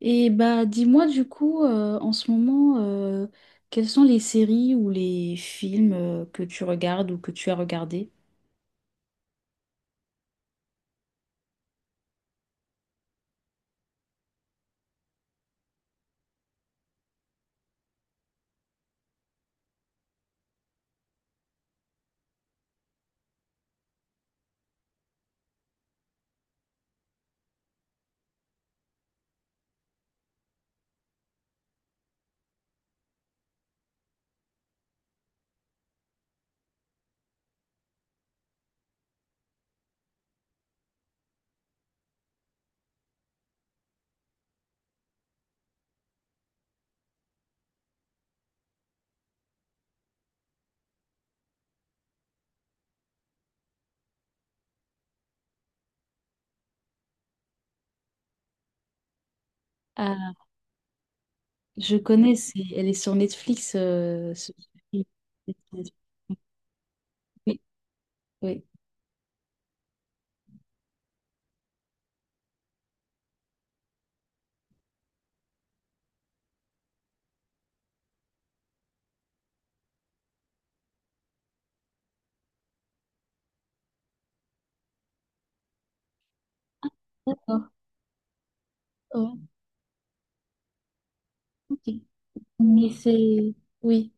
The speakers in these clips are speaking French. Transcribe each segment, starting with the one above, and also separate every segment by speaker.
Speaker 1: Et bah dis-moi du coup en ce moment quelles sont les séries ou les films que tu regardes ou que tu as regardé? Ah, je connais, elle est sur Netflix. Oui, oui. D'accord. Ouais, ok. Mais c'est oui.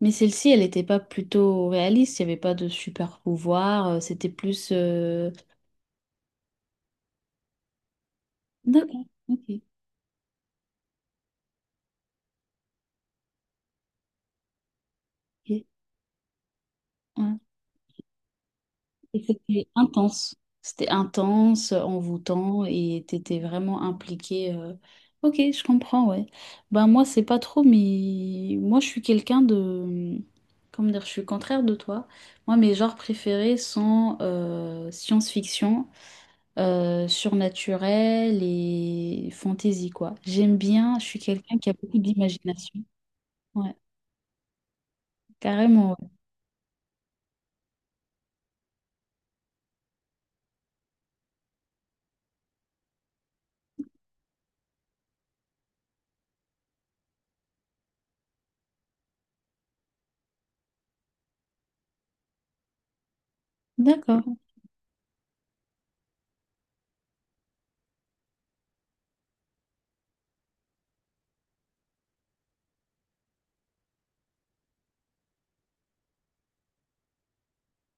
Speaker 1: Mais celle-ci, elle n'était pas plutôt réaliste, il n'y avait pas de super pouvoir, c'était plus D'accord, ok. Ok. Ouais. Et c'était intense. C'était intense, envoûtant et t'étais vraiment impliqué. Ok, je comprends, ouais. Ben moi, c'est pas trop, mais moi, je suis quelqu'un de... Hmm, comment dire, je suis contraire de toi. Moi, mes genres préférés sont science-fiction, surnaturel et fantasy, quoi. J'aime bien, je suis quelqu'un qui a beaucoup d'imagination. Ouais, carrément, ouais. D'accord.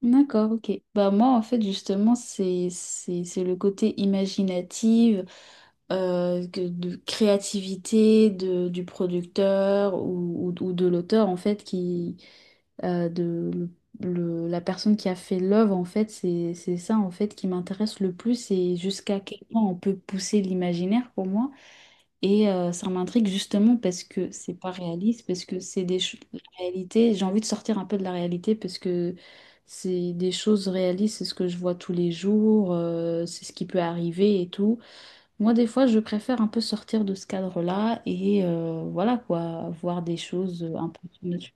Speaker 1: D'accord, ok. Bah moi en fait justement c'est le côté imaginatif, de créativité de, du producteur ou de l'auteur en fait qui euh, de le- la personne qui a fait l'œuvre en fait c'est ça en fait qui m'intéresse le plus et jusqu'à quel point on peut pousser l'imaginaire pour moi. Et ça m'intrigue justement parce que c'est pas réaliste, parce que la réalité. J'ai envie de sortir un peu de la réalité parce que c'est des choses réalistes, c'est ce que je vois tous les jours, c'est ce qui peut arriver et tout. Moi, des fois, je préfère un peu sortir de ce cadre-là et voilà quoi, voir des choses un peu surnaturelles.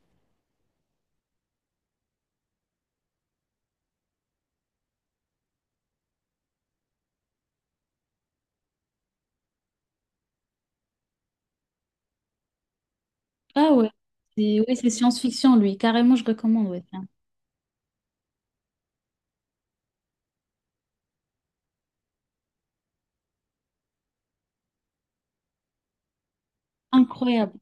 Speaker 1: Ah ouais, c'est oui, c'est science-fiction lui, carrément, je recommande. Ouais. C'est incroyable.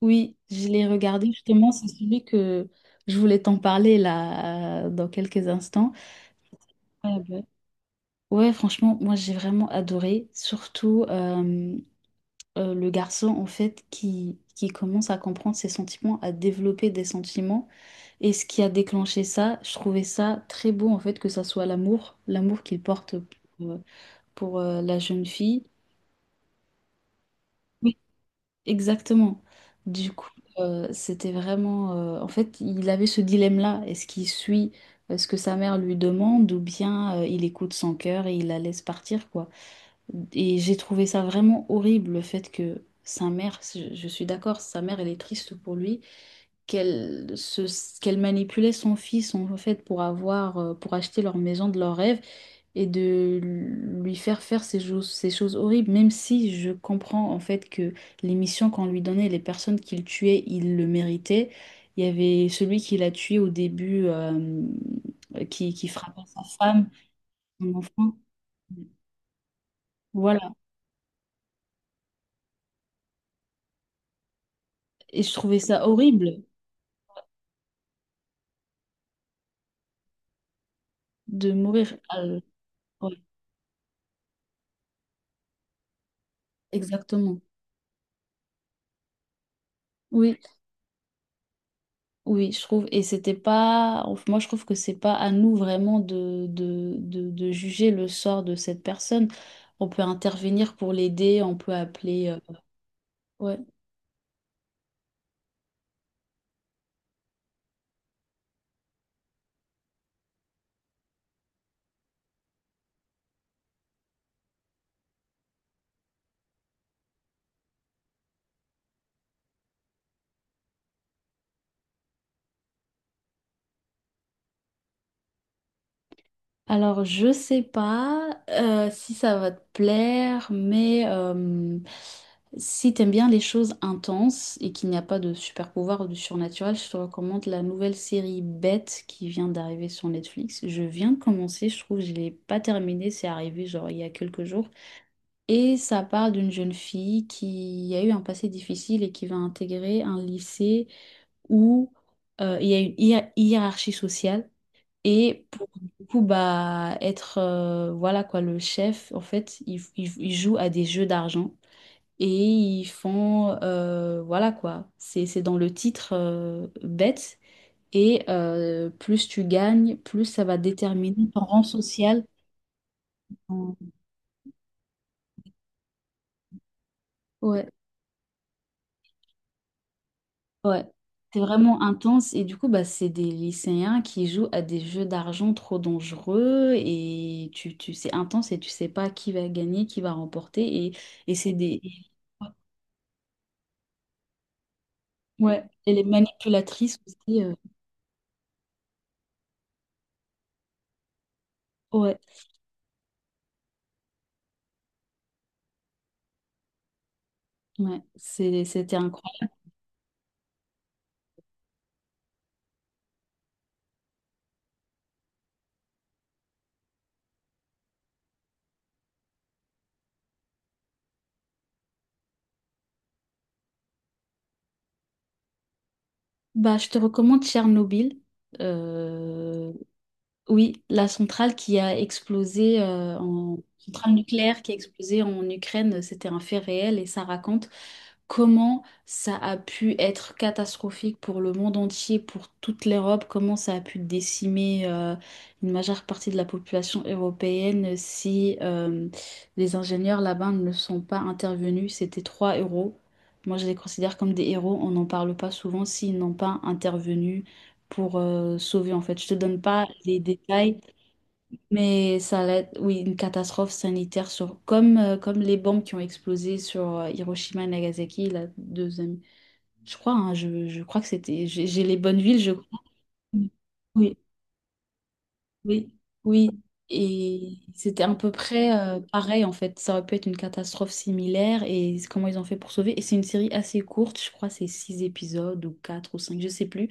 Speaker 1: Oui, je l'ai regardé justement, c'est celui que je voulais t'en parler là dans quelques instants. Incroyable. Ouais, ouais, franchement, moi j'ai vraiment adoré, surtout le garçon en fait qui commence à comprendre ses sentiments, à développer des sentiments. Et ce qui a déclenché ça, je trouvais ça très beau en fait, que ça soit l'amour, l'amour qu'il porte pour, euh, pour, la jeune fille. Oui. Exactement. Du coup, c'était vraiment... en fait, il avait ce dilemme-là. Est-ce qu'il suit ce que sa mère lui demande ou bien il écoute son cœur et il la laisse partir, quoi? Et j'ai trouvé ça vraiment horrible, le fait que sa mère, je suis d'accord, sa mère, elle est triste pour lui, qu'elle manipulait son fils en fait pour avoir, pour acheter leur maison de leur rêve et de lui faire faire ces choses horribles, même si je comprends en fait que les missions qu'on lui donnait, les personnes qu'il tuait, il le méritait. Il y avait celui qui l'a tué au début, qui frappait sa femme, son enfant. Voilà. Et je trouvais ça horrible. De mourir. Ouais, exactement. Oui, oui, je trouve. Et c'était pas. Moi, je trouve que c'est pas à nous vraiment de, juger le sort de cette personne. On peut intervenir pour l'aider, on peut appeler. Ouais. Alors, je sais pas si ça va te plaire, mais si t'aimes bien les choses intenses et qu'il n'y a pas de super pouvoir ou de surnaturel, je te recommande la nouvelle série Bête qui vient d'arriver sur Netflix. Je viens de commencer, je trouve que je l'ai pas terminée, c'est arrivé genre il y a quelques jours. Et ça parle d'une jeune fille qui a eu un passé difficile et qui va intégrer un lycée où il y a une hiérarchie sociale. Et pour du coup bah être voilà quoi le chef en fait il joue à des jeux d'argent et ils font voilà quoi c'est dans le titre bête et plus tu gagnes plus ça va déterminer ton rang social. Ouais, ouais, c'est vraiment intense et du coup bah c'est des lycéens qui jouent à des jeux d'argent trop dangereux et tu c'est intense et tu sais pas qui va gagner qui va remporter et c'est des ouais, et les manipulatrices aussi. Ouais, ouais, c'était incroyable. Bah, je te recommande Tchernobyl. Euh, oui, la centrale qui a explosé en centrale nucléaire qui a explosé en Ukraine, c'était un fait réel et ça raconte comment ça a pu être catastrophique pour le monde entier, pour toute l'Europe, comment ça a pu décimer une majeure partie de la population européenne si les ingénieurs là-bas ne sont pas intervenus. C'était 3 héros. Moi, je les considère comme des héros. On n'en parle pas souvent s'ils n'ont pas intervenu pour sauver, en fait. Je te donne pas les détails. Mais ça allait être, oui, une catastrophe sanitaire sur, comme, comme les bombes qui ont explosé sur Hiroshima et Nagasaki, la deuxième. Je crois, hein, je crois que c'était. J'ai les bonnes villes, je crois. Oui. Oui, oui. Et c'était à peu près pareil en fait. Ça aurait pu être une catastrophe similaire et c'est comment ils ont fait pour sauver. Et c'est une série assez courte, je crois c'est 6 épisodes ou quatre ou cinq, je sais plus.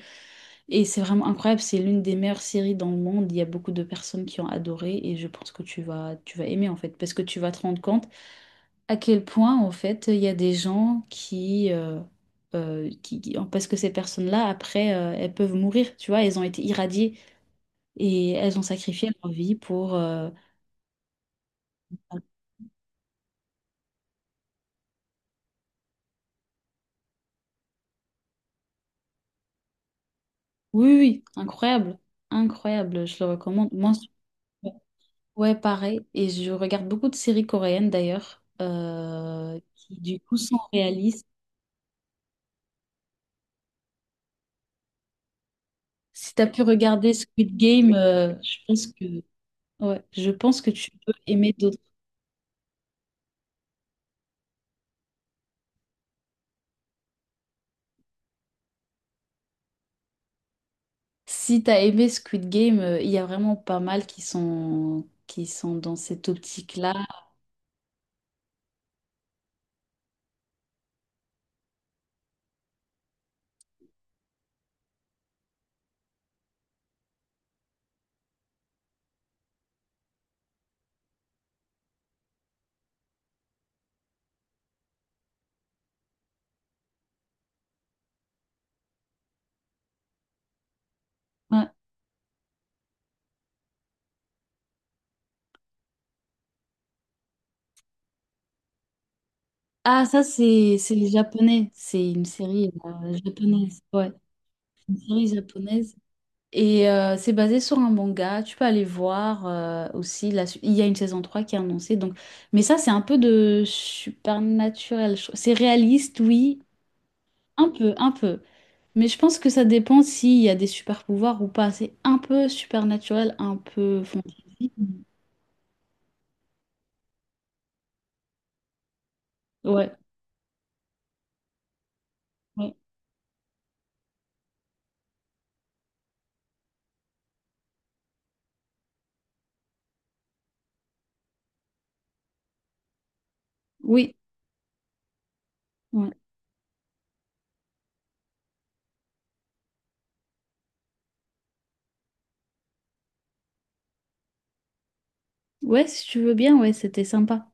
Speaker 1: Et c'est vraiment incroyable, c'est l'une des meilleures séries dans le monde. Il y a beaucoup de personnes qui ont adoré et je pense que tu vas aimer en fait parce que tu vas te rendre compte à quel point en fait il y a des gens qui, parce que ces personnes-là après elles peuvent mourir, tu vois, elles ont été irradiées. Et elles ont sacrifié leur vie pour... Oui, oui, incroyable. Incroyable, je le recommande. Moi, je- ouais, pareil. Et je regarde beaucoup de séries coréennes d'ailleurs, qui du coup sont réalistes. Si tu as pu regarder Squid Game, je pense que... Ouais, je pense que tu peux aimer d'autres. Si tu as aimé Squid Game, il y a vraiment pas mal qui sont dans cette optique-là. Ouais. Ah, ça, c'est les Japonais. C'est une série japonaise. Ouais, une série japonaise. Et c'est basé sur un manga. Tu peux aller voir aussi. Il y a une saison 3 qui est annoncée. Donc... Mais ça, c'est un peu de supernaturel. C'est réaliste, oui. Un peu, un peu. Mais je pense que ça dépend s'il y a des super pouvoirs ou pas. C'est un peu supernaturel, un peu fantasy. Ouais, ouais. Oui, ouais. Ouais, si tu veux bien, ouais, c'était sympa.